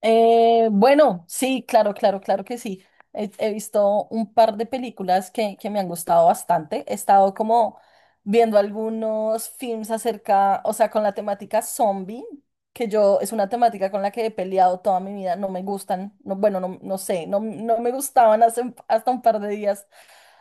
Bueno, sí, claro, claro, claro que sí. He visto un par de películas que me han gustado bastante. He estado como viendo algunos films acerca, o sea, con la temática zombie, que yo es una temática con la que he peleado toda mi vida. No me gustan, no, bueno, no, no sé, no, no me gustaban hasta un par de días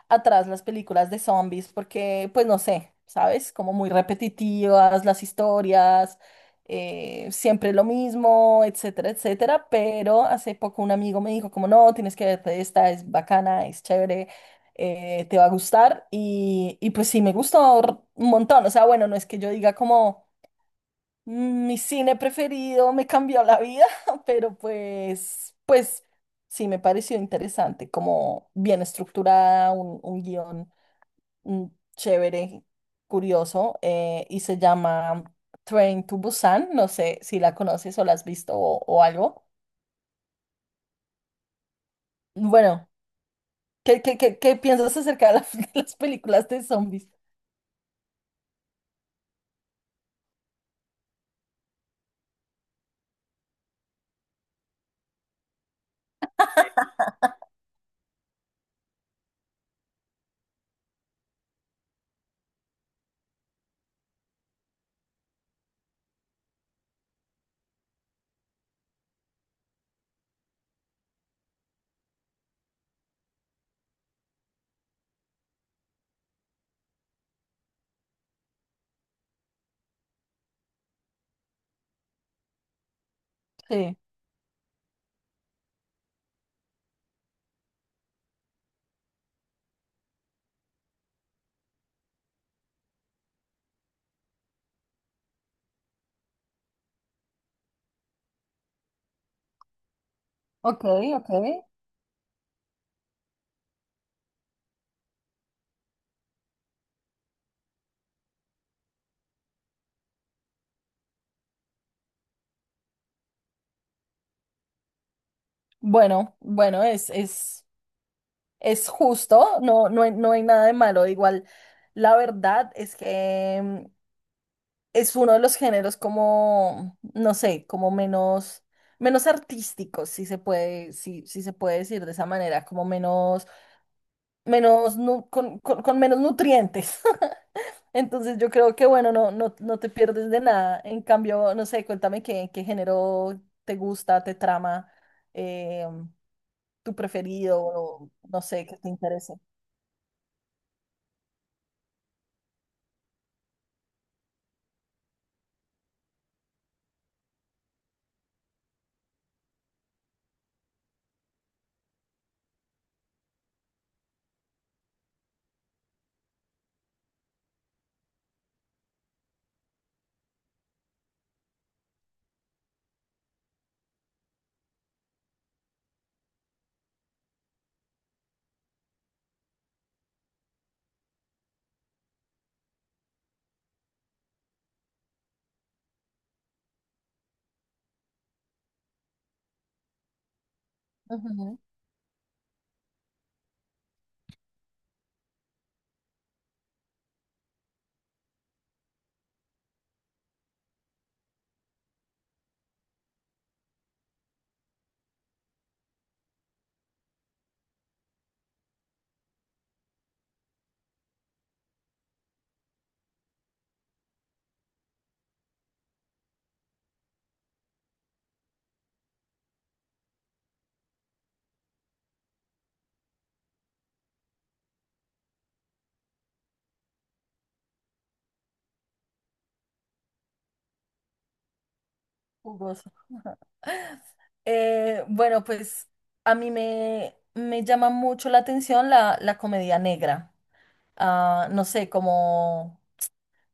atrás las películas de zombies porque, pues no sé, ¿sabes? Como muy repetitivas las historias, siempre lo mismo, etcétera, etcétera. Pero hace poco un amigo me dijo como, no, tienes que verte esta, es bacana, es chévere, te va a gustar. Y pues sí, me gustó un montón. O sea, bueno, no es que yo diga como "mi cine preferido me cambió la vida", pero pues sí me pareció interesante, como bien estructurada, un guión mm, chévere, curioso, y se llama Train to Busan. No sé si la conoces o la has visto o algo. Bueno, ¿qué piensas acerca de las películas de zombies? Sí, ok, ok. Bueno, bueno, es justo, no, no hay nada de malo. Igual, la verdad es que es uno de los géneros como, no sé, como menos artísticos, si se puede, si se puede decir de esa manera, como menos, menos, nu- con menos nutrientes. Entonces yo creo que, bueno, no, no, no te pierdes de nada. En cambio, no sé, cuéntame qué género te gusta, te trama, eh, tu preferido, o no sé, que te interese. Ujú. Jugoso. Bueno, pues a mí me llama mucho la atención la comedia negra. Ah, no sé, como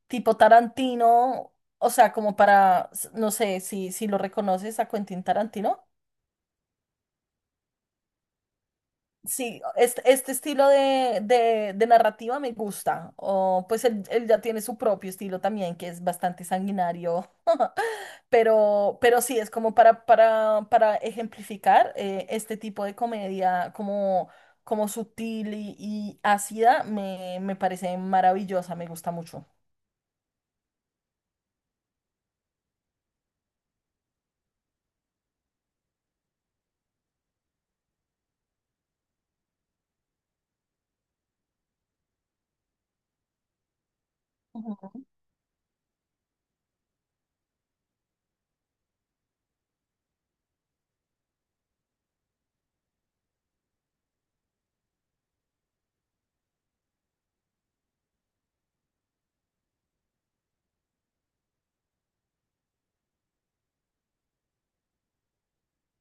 tipo Tarantino, o sea, como para, no sé si, lo reconoces a Quentin Tarantino. Sí, este estilo de, de narrativa me gusta. O pues él ya tiene su propio estilo también, que es bastante sanguinario. Pero sí, es como para, para ejemplificar este tipo de comedia como sutil y ácida, me parece maravillosa, me gusta mucho.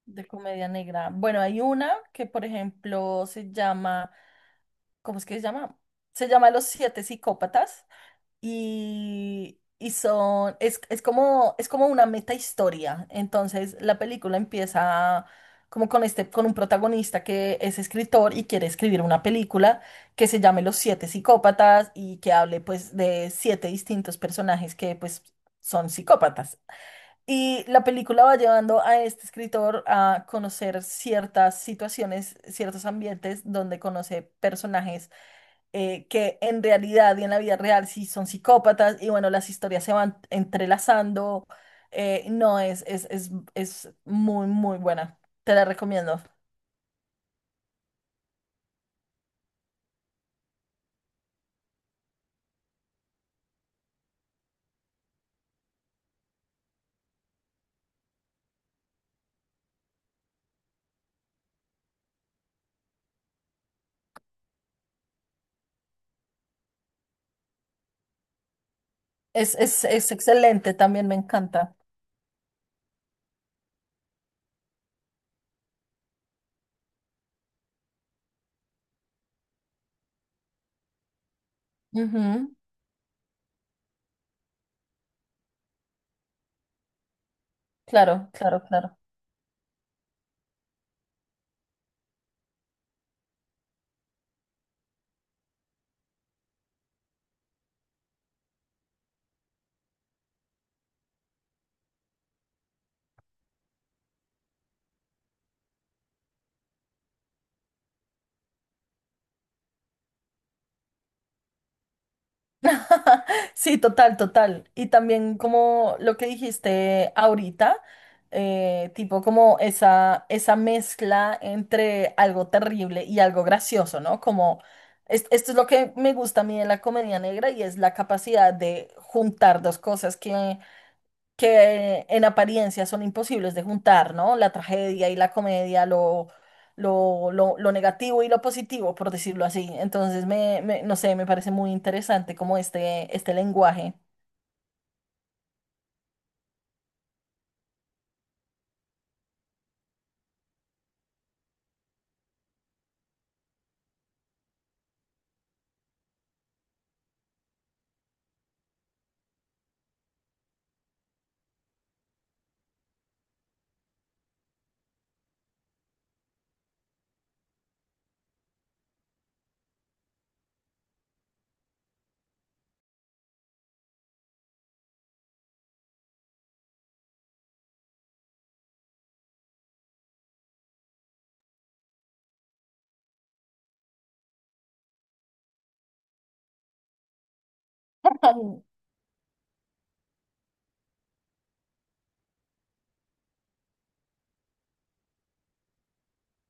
De comedia negra. Bueno, hay una que, por ejemplo, se llama, ¿cómo es que se llama? Se llama Los Siete Psicópatas. Y son, es como una meta historia. Entonces la película empieza como con un protagonista que es escritor y quiere escribir una película que se llame Los Siete Psicópatas y que hable pues de siete distintos personajes que pues son psicópatas. Y la película va llevando a este escritor a conocer ciertas situaciones, ciertos ambientes donde conoce personajes que en realidad y en la vida real sí son psicópatas y bueno, las historias se van entrelazando. No, es muy, muy buena. Te la recomiendo. Es excelente, también me encanta. Ujú. Claro, claro, claro. Sí, total, total. Y también como lo que dijiste ahorita, tipo como esa mezcla entre algo terrible y algo gracioso, ¿no? Como esto es lo que me gusta a mí de la comedia negra y es la capacidad de juntar dos cosas que en apariencia son imposibles de juntar, ¿no? La tragedia y la comedia, lo negativo y lo positivo, por decirlo así. Entonces, no sé, me parece muy interesante como este lenguaje.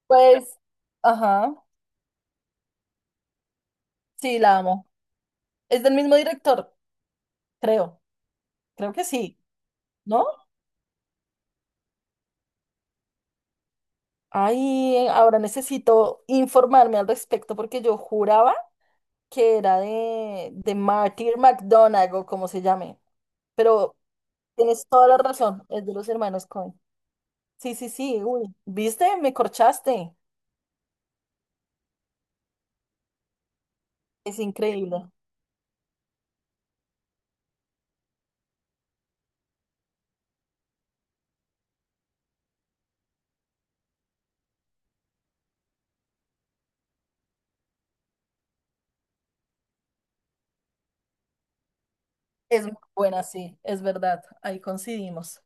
Pues, ajá, sí, la amo. Es del mismo director, creo, creo que sí, ¿no? Ay, ahora necesito informarme al respecto porque yo juraba que era de, Martyr McDonagh o como se llame. Pero tienes toda la razón, es de los hermanos Coen. Sí, sí, sí, uy, ¿viste? Me corchaste. Es increíble. Es muy buena, sí, es verdad. Ahí coincidimos.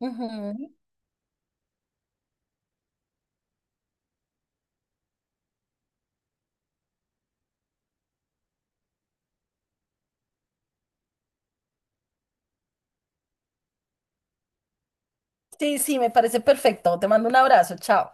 Ujú. Sí, sí, me parece perfecto. Te mando un abrazo, chao.